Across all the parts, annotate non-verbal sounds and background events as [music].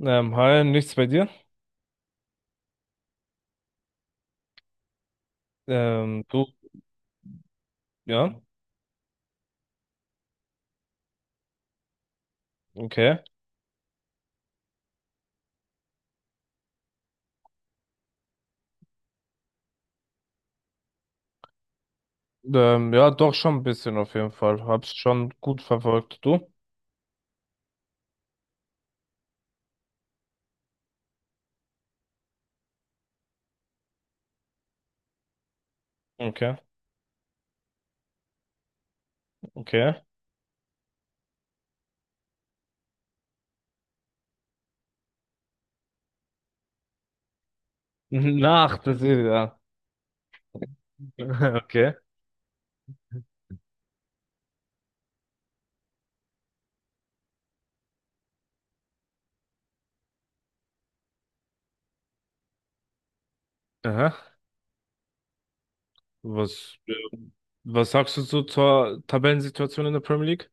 Hi, nichts bei dir? Du, ja, okay. Ja, doch schon ein bisschen auf jeden Fall. Hab's schon gut verfolgt, du? Okay, okay. [laughs] Nach der Serie, ja. [laughs] Okay. Aha. Was, ähm, Was sagst du so zur Tabellensituation in der Premier League?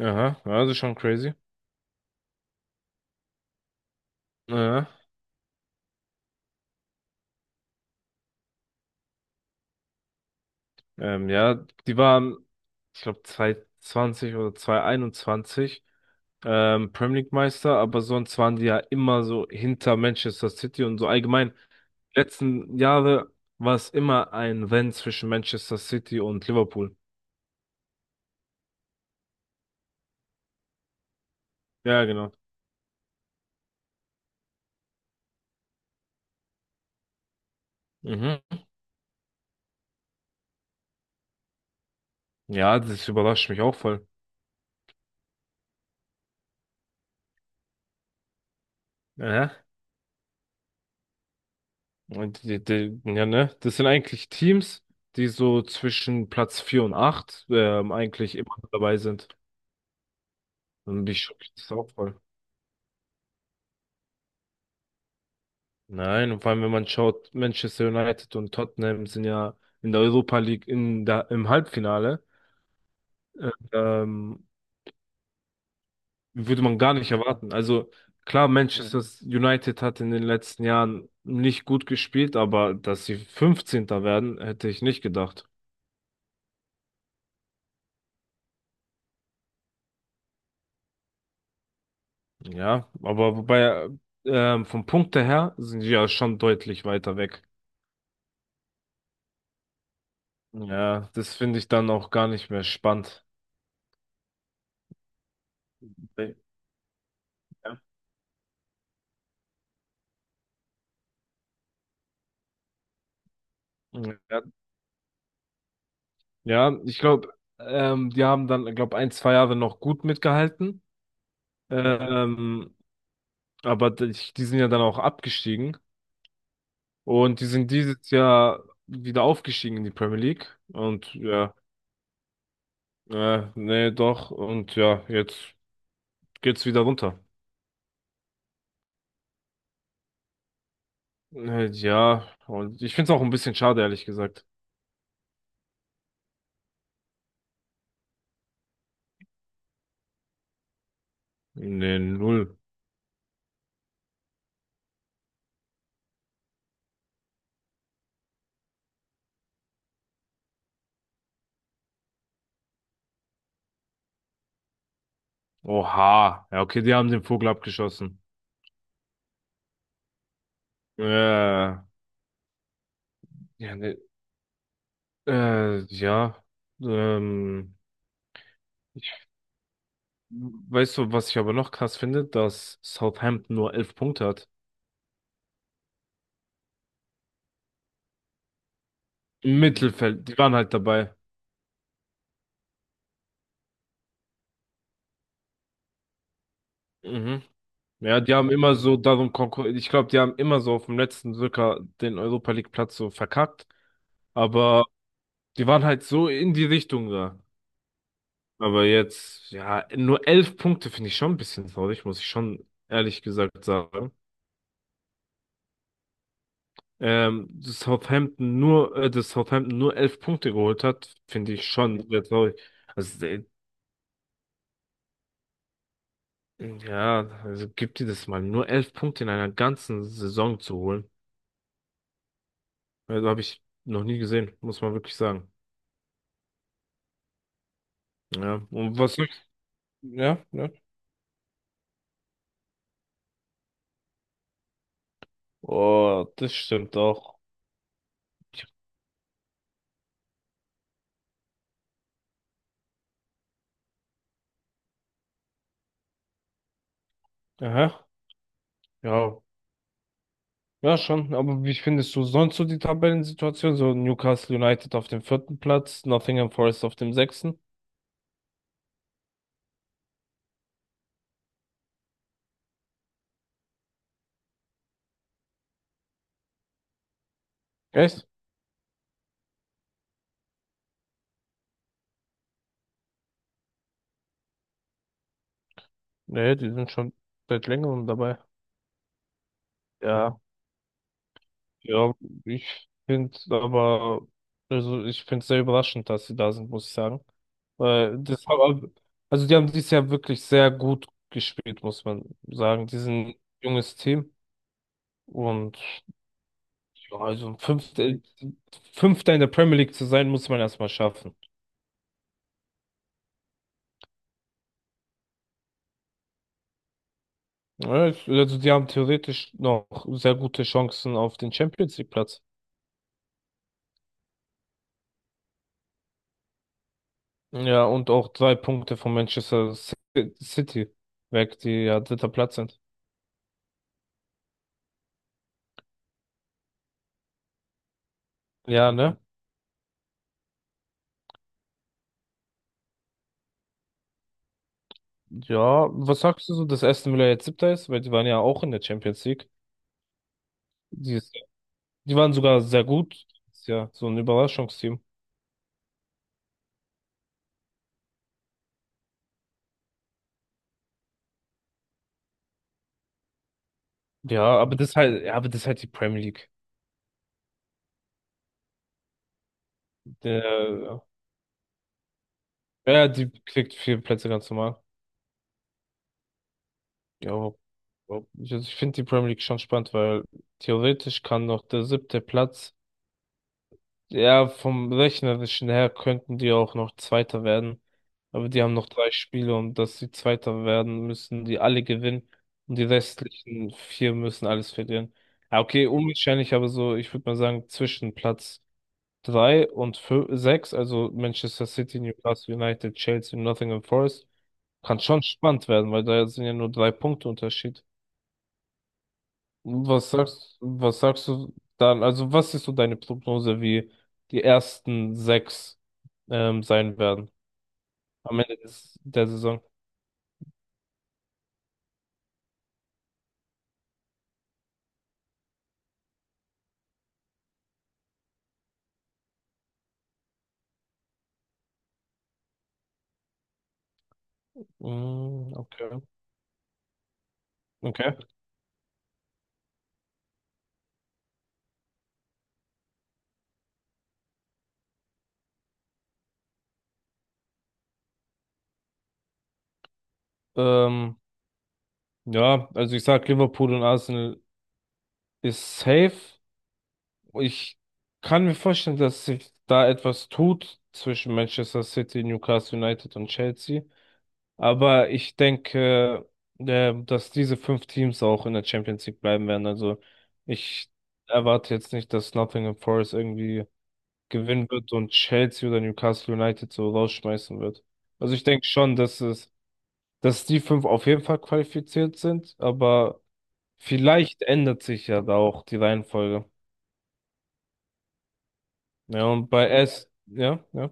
Aha, ja, das ist schon crazy. Aha. Ja, die waren, ich glaube, 2020 oder 2021 Premier League Meister, aber sonst waren die ja immer so hinter Manchester City und so allgemein. Die letzten Jahre war es immer ein Rennen zwischen Manchester City und Liverpool. Ja, genau. Mhm. Ja, das überrascht mich auch voll. Aha. Und die, ja, ne? Das sind eigentlich Teams, die so zwischen Platz 4 und 8 eigentlich immer dabei sind. Und mich schockiert das auch voll. Nein, und vor allem, wenn man schaut, Manchester United und Tottenham sind ja in der Europa League im Halbfinale. Ähm, Würde man gar nicht erwarten. Also klar, Manchester United hat in den letzten Jahren nicht gut gespielt, aber dass sie 15. werden, hätte ich nicht gedacht. Ja, aber wobei vom Punkte her sind sie ja schon deutlich weiter weg. Ja, das finde ich dann auch gar nicht mehr spannend. Ja, ja. Ja, ich glaube, die haben dann, glaube ein, zwei Jahre noch gut mitgehalten. Ähm, aber die sind ja dann auch abgestiegen. Und die sind dieses Jahr wieder aufgestiegen in die Premier League. Und ja, nee, doch. Und ja, jetzt geht's wieder runter. Ja, und ich find's auch ein bisschen schade, ehrlich gesagt. Nee, null. Oha. Ja, okay, die haben den Vogel abgeschossen. Ja, ne, ja. Ähm, Weißt du, was ich aber noch krass finde? Dass Southampton nur 11 Punkte hat. Im Mittelfeld, die waren halt dabei. Mhm. Ja, die haben immer so darum konkurriert. Ich glaube, die haben immer so auf dem letzten Drücker den Europa League Platz so verkackt. Aber die waren halt so in die Richtung da. Aber jetzt, ja, nur 11 Punkte finde ich schon ein bisschen traurig, muss ich schon ehrlich gesagt sagen. Dass Southampton nur elf Punkte geholt hat, finde ich schon sehr traurig. Also, ja, also gibt dir das mal, nur 11 Punkte in einer ganzen Saison zu holen. Also habe ich noch nie gesehen, muss man wirklich sagen. Ja, und was ich, ja, ja. Oh, das stimmt auch. Aha, ja, ja schon. Aber wie findest du sonst so die Tabellensituation? So Newcastle United auf dem vierten Platz, Nottingham Forest auf dem sechsten. Echt? Nee, die sind schon seit längerem dabei. Ja, ja, ich finde aber, also ich finde es sehr überraschend, dass sie da sind, muss ich sagen. Weil also die haben dieses Jahr wirklich sehr gut gespielt, muss man sagen. Die sind ein junges Team und also Fünfter in der Premier League zu sein, muss man erstmal schaffen. Ja, also die haben theoretisch noch sehr gute Chancen auf den Champions League Platz. Ja, und auch drei Punkte von Manchester City weg, die ja dritter Platz sind. Ja, ne? Ja, was sagst du so, dass Aston Villa jetzt siebter ist? Weil die waren ja auch in der Champions League. Die, ist, Die waren sogar sehr gut. Ist ja so ein Überraschungsteam. Ja, aber das ist halt die Premier League. Der, ja, die kriegt vier Plätze ganz normal. Ja, aber also ich finde die Premier League schon spannend, weil theoretisch kann noch der siebte Platz, ja, vom rechnerischen her könnten die auch noch Zweiter werden. Aber die haben noch drei Spiele und dass sie Zweiter werden, müssen die alle gewinnen. Und die restlichen vier müssen alles verlieren. Ja, okay, unwahrscheinlich, aber so, ich würde mal sagen, zwischen Platz drei und sechs, also Manchester City, Newcastle United, Chelsea, Nottingham Forest, kann schon spannend werden, weil da sind ja nur drei Punkte Unterschied. Was sagst du dann? Also, was ist so deine Prognose, wie die ersten sechs sein werden am Ende der Saison? Mm, okay. Okay. Ähm, ja, also ich sag Liverpool und Arsenal ist safe. Ich kann mir vorstellen, dass sich da etwas tut zwischen Manchester City, Newcastle United und Chelsea. Aber ich denke, dass diese fünf Teams auch in der Champions League bleiben werden. Also ich erwarte jetzt nicht, dass Nottingham Forest irgendwie gewinnen wird und Chelsea oder Newcastle United so rausschmeißen wird. Also ich denke schon, dass die fünf auf jeden Fall qualifiziert sind, aber vielleicht ändert sich ja da auch die Reihenfolge. Ja, und ja, ja.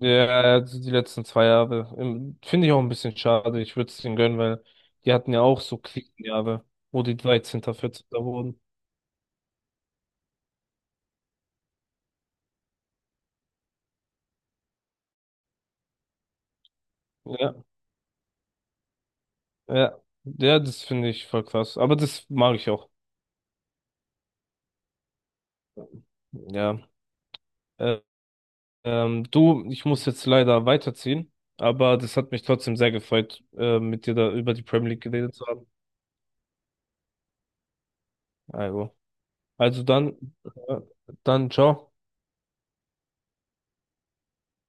Ja, also die letzten zwei Jahre, finde ich auch ein bisschen schade. Ich würde es denen gönnen, weil die hatten ja auch so Krisenjahre, wo die 13., 14. wurden. Ja, ja. Ja, das finde ich voll krass. Aber das mag ich auch. Ja. Äh, Du, ich muss jetzt leider weiterziehen, aber das hat mich trotzdem sehr gefreut, mit dir da über die Premier League geredet zu haben. Also, also, dann, äh, dann ciao.